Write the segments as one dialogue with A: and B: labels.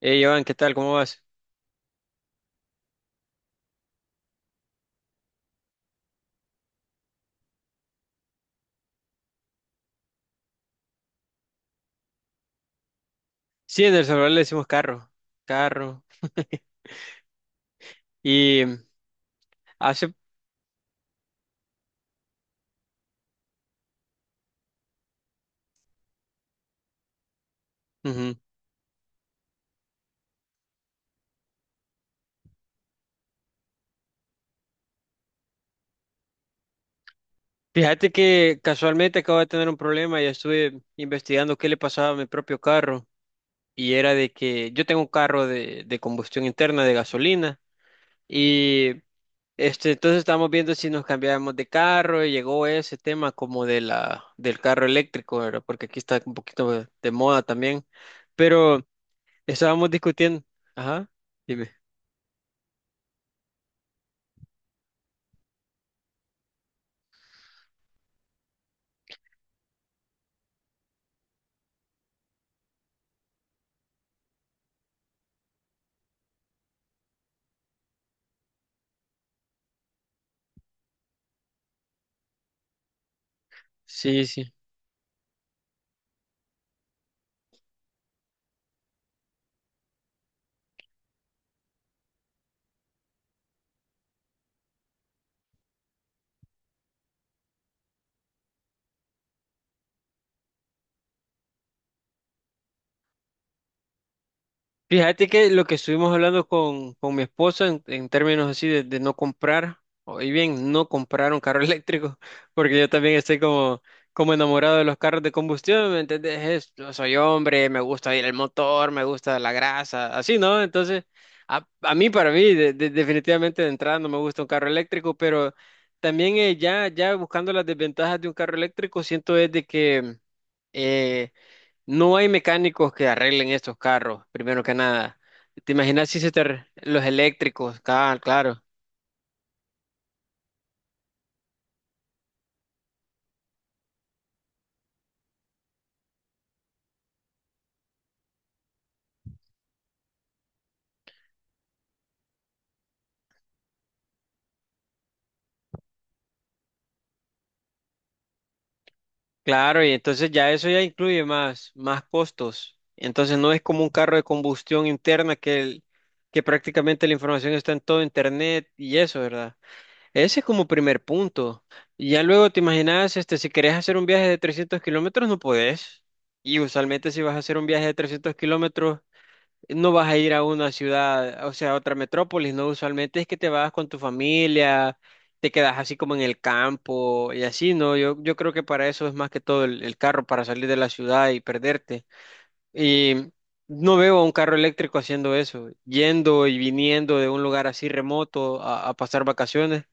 A: Hey, Iván, ¿qué tal? ¿Cómo vas? Sí, en El Salvador le decimos carro, carro. Y hace, ujú. Fíjate que casualmente acabo de tener un problema y estuve investigando qué le pasaba a mi propio carro, y era de que yo tengo un carro de combustión interna, de gasolina. Y entonces estábamos viendo si nos cambiábamos de carro y llegó ese tema como del carro eléctrico, ¿verdad? Porque aquí está un poquito de moda también, pero estábamos discutiendo. Ajá, dime. Sí, sí. Fíjate que lo que estuvimos hablando con mi esposa en términos así de no comprar, o y bien, no comprar un carro eléctrico. Porque yo también estoy como enamorado de los carros de combustión, ¿me entendés? Yo soy hombre, me gusta ir el motor, me gusta la grasa, así, ¿no? Entonces, a mí, para mí, definitivamente de entrada no me gusta un carro eléctrico. Pero también ya buscando las desventajas de un carro eléctrico, siento es de que... eh, no hay mecánicos que arreglen estos carros, primero que nada. ¿Te imaginas si se te los eléctricos? Claro, claro, claro, y entonces ya eso ya incluye más costos. Entonces no es como un carro de combustión interna que prácticamente la información está en todo internet y eso, ¿verdad? Ese es como primer punto. Y ya luego te imaginas, si querés hacer un viaje de 300 kilómetros, no podés. Y usualmente si vas a hacer un viaje de 300 kilómetros, no vas a ir a una ciudad, o sea, a otra metrópolis, ¿no? Usualmente es que te vas con tu familia, te quedas así como en el campo y así, ¿no? Yo creo que para eso es más que todo el carro, para salir de la ciudad y perderte. Y no veo a un carro eléctrico haciendo eso, yendo y viniendo de un lugar así remoto a pasar vacaciones.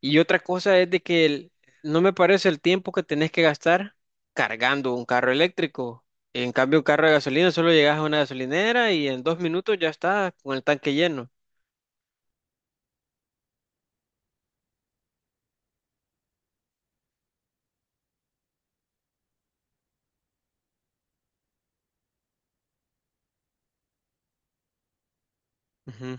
A: Y otra cosa es de que no me parece el tiempo que tenés que gastar cargando un carro eléctrico. En cambio, un carro de gasolina solo llegas a una gasolinera y en 2 minutos ya está con el tanque lleno. Ujú.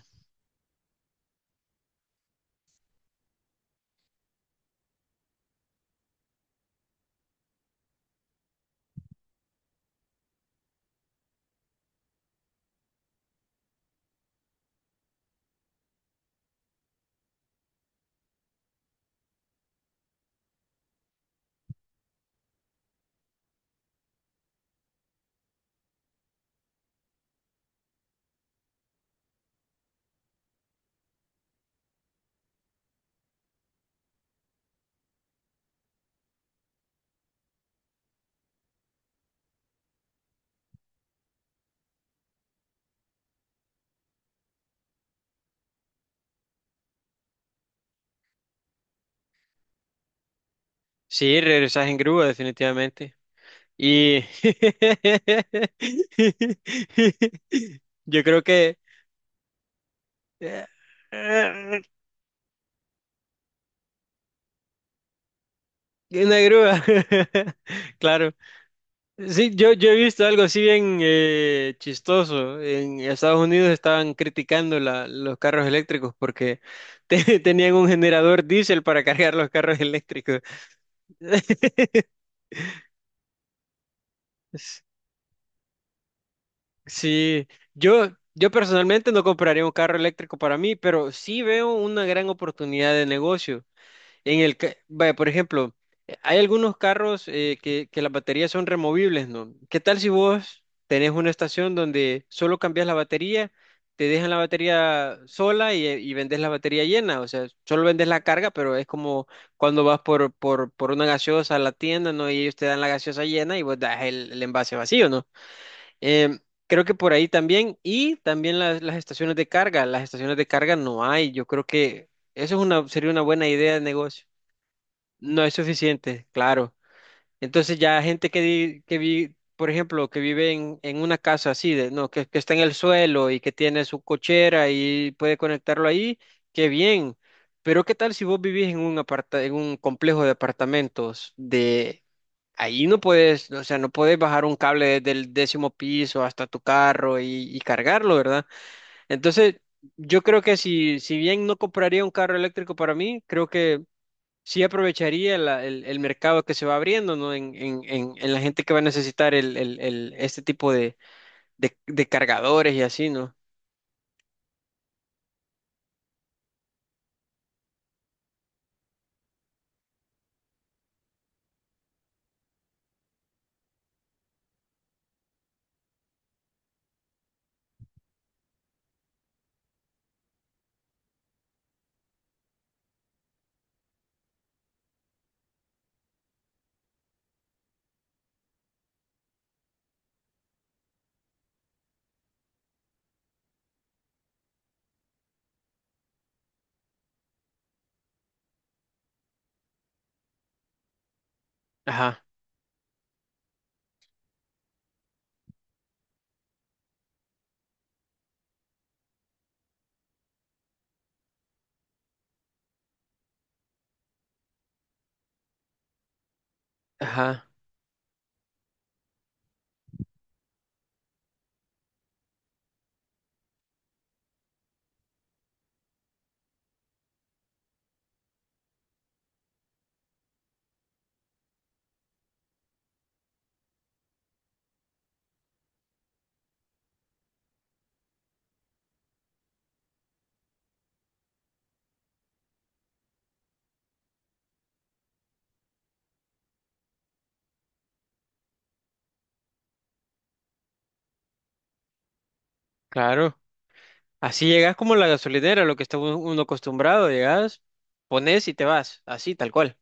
A: Sí, regresas en grúa definitivamente. Y yo creo que eh, eh, una grúa, claro. Sí, yo he visto algo así bien chistoso. En Estados Unidos estaban criticando los carros eléctricos porque tenían un generador diésel para cargar los carros eléctricos. Sí, yo personalmente no compraría un carro eléctrico para mí, pero sí veo una gran oportunidad de negocio. Vaya, por ejemplo, hay algunos carros que las baterías son removibles, ¿no? ¿Qué tal si vos tenés una estación donde solo cambias la batería, te dejan la batería sola y vendes la batería llena? O sea, solo vendes la carga, pero es como cuando vas por una gaseosa a la tienda, ¿no? Y ellos te dan la gaseosa llena y vos das el envase vacío, ¿no? Em, Creo que por ahí también, y también las estaciones de carga, las estaciones de carga no hay. Yo creo que eso es una, sería una buena idea de negocio. No es suficiente, claro. Entonces ya gente que, di- que vi, por ejemplo, que vive en una casa así, no, que está en el suelo y que tiene su cochera y puede conectarlo ahí, qué bien. Pero ¿qué tal si vos vivís en un complejo de apartamentos de Ahí no puedes, o sea, no puedes bajar un cable desde el décimo piso hasta tu carro y cargarlo, ¿verdad? Entonces, yo creo que si, si bien no compraría un carro eléctrico para mí, creo que sí aprovecharía el mercado que se va abriendo, ¿no? En la gente que va a necesitar este tipo de cargadores y así, ¿no? Ajá, ajá, claro. Así llegas como la gasolinera, lo que está uno acostumbrado, llegas, pones y te vas, así, tal cual.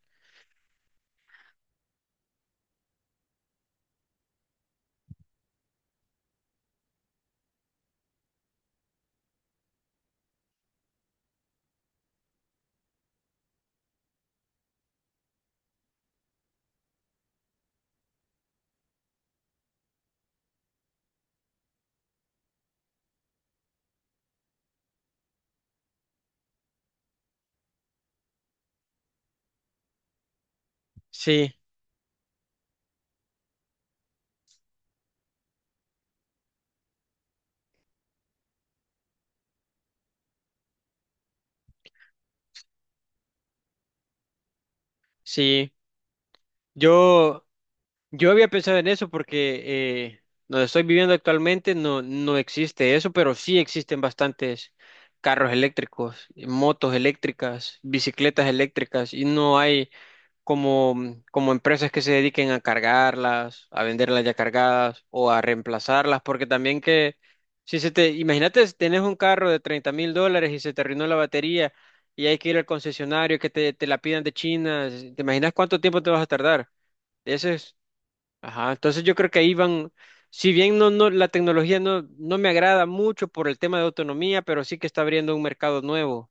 A: Sí, sí. Yo, Yo había pensado en eso porque eh, donde estoy viviendo actualmente no, no existe eso, pero sí existen bastantes carros eléctricos, motos eléctricas, bicicletas eléctricas y no hay como, como empresas que se dediquen a cargarlas, a venderlas ya cargadas o a reemplazarlas, porque también que imagínate, si tenés un carro de 30,000 dólares y se te arruinó la batería y hay que ir al concesionario que te la pidan de China, ¿te imaginas cuánto tiempo te vas a tardar? Ese es Ajá. Entonces yo creo que ahí van, si bien no, no, la tecnología no, no me agrada mucho por el tema de autonomía, pero sí que está abriendo un mercado nuevo.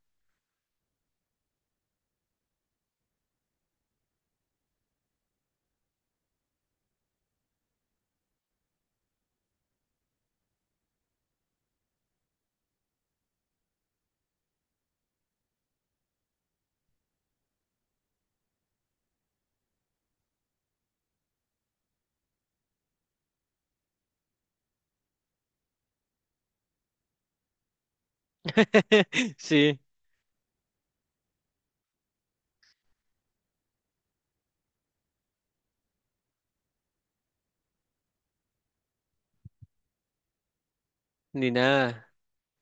A: Sí, ni nada.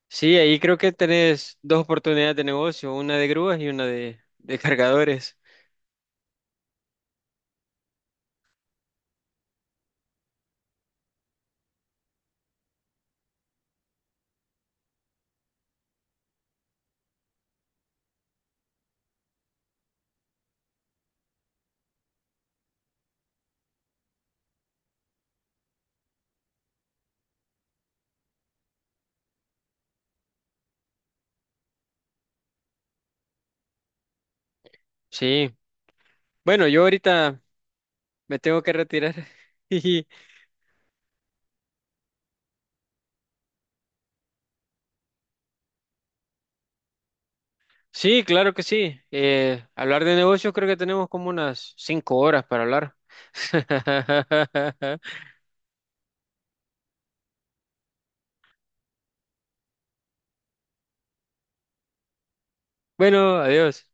A: Sí, ahí creo que tenés dos oportunidades de negocio, una de grúas y una de cargadores. Sí. Bueno, yo ahorita me tengo que retirar. Y Sí, claro que sí. Hablar de negocios creo que tenemos como unas 5 horas para hablar. Bueno, adiós.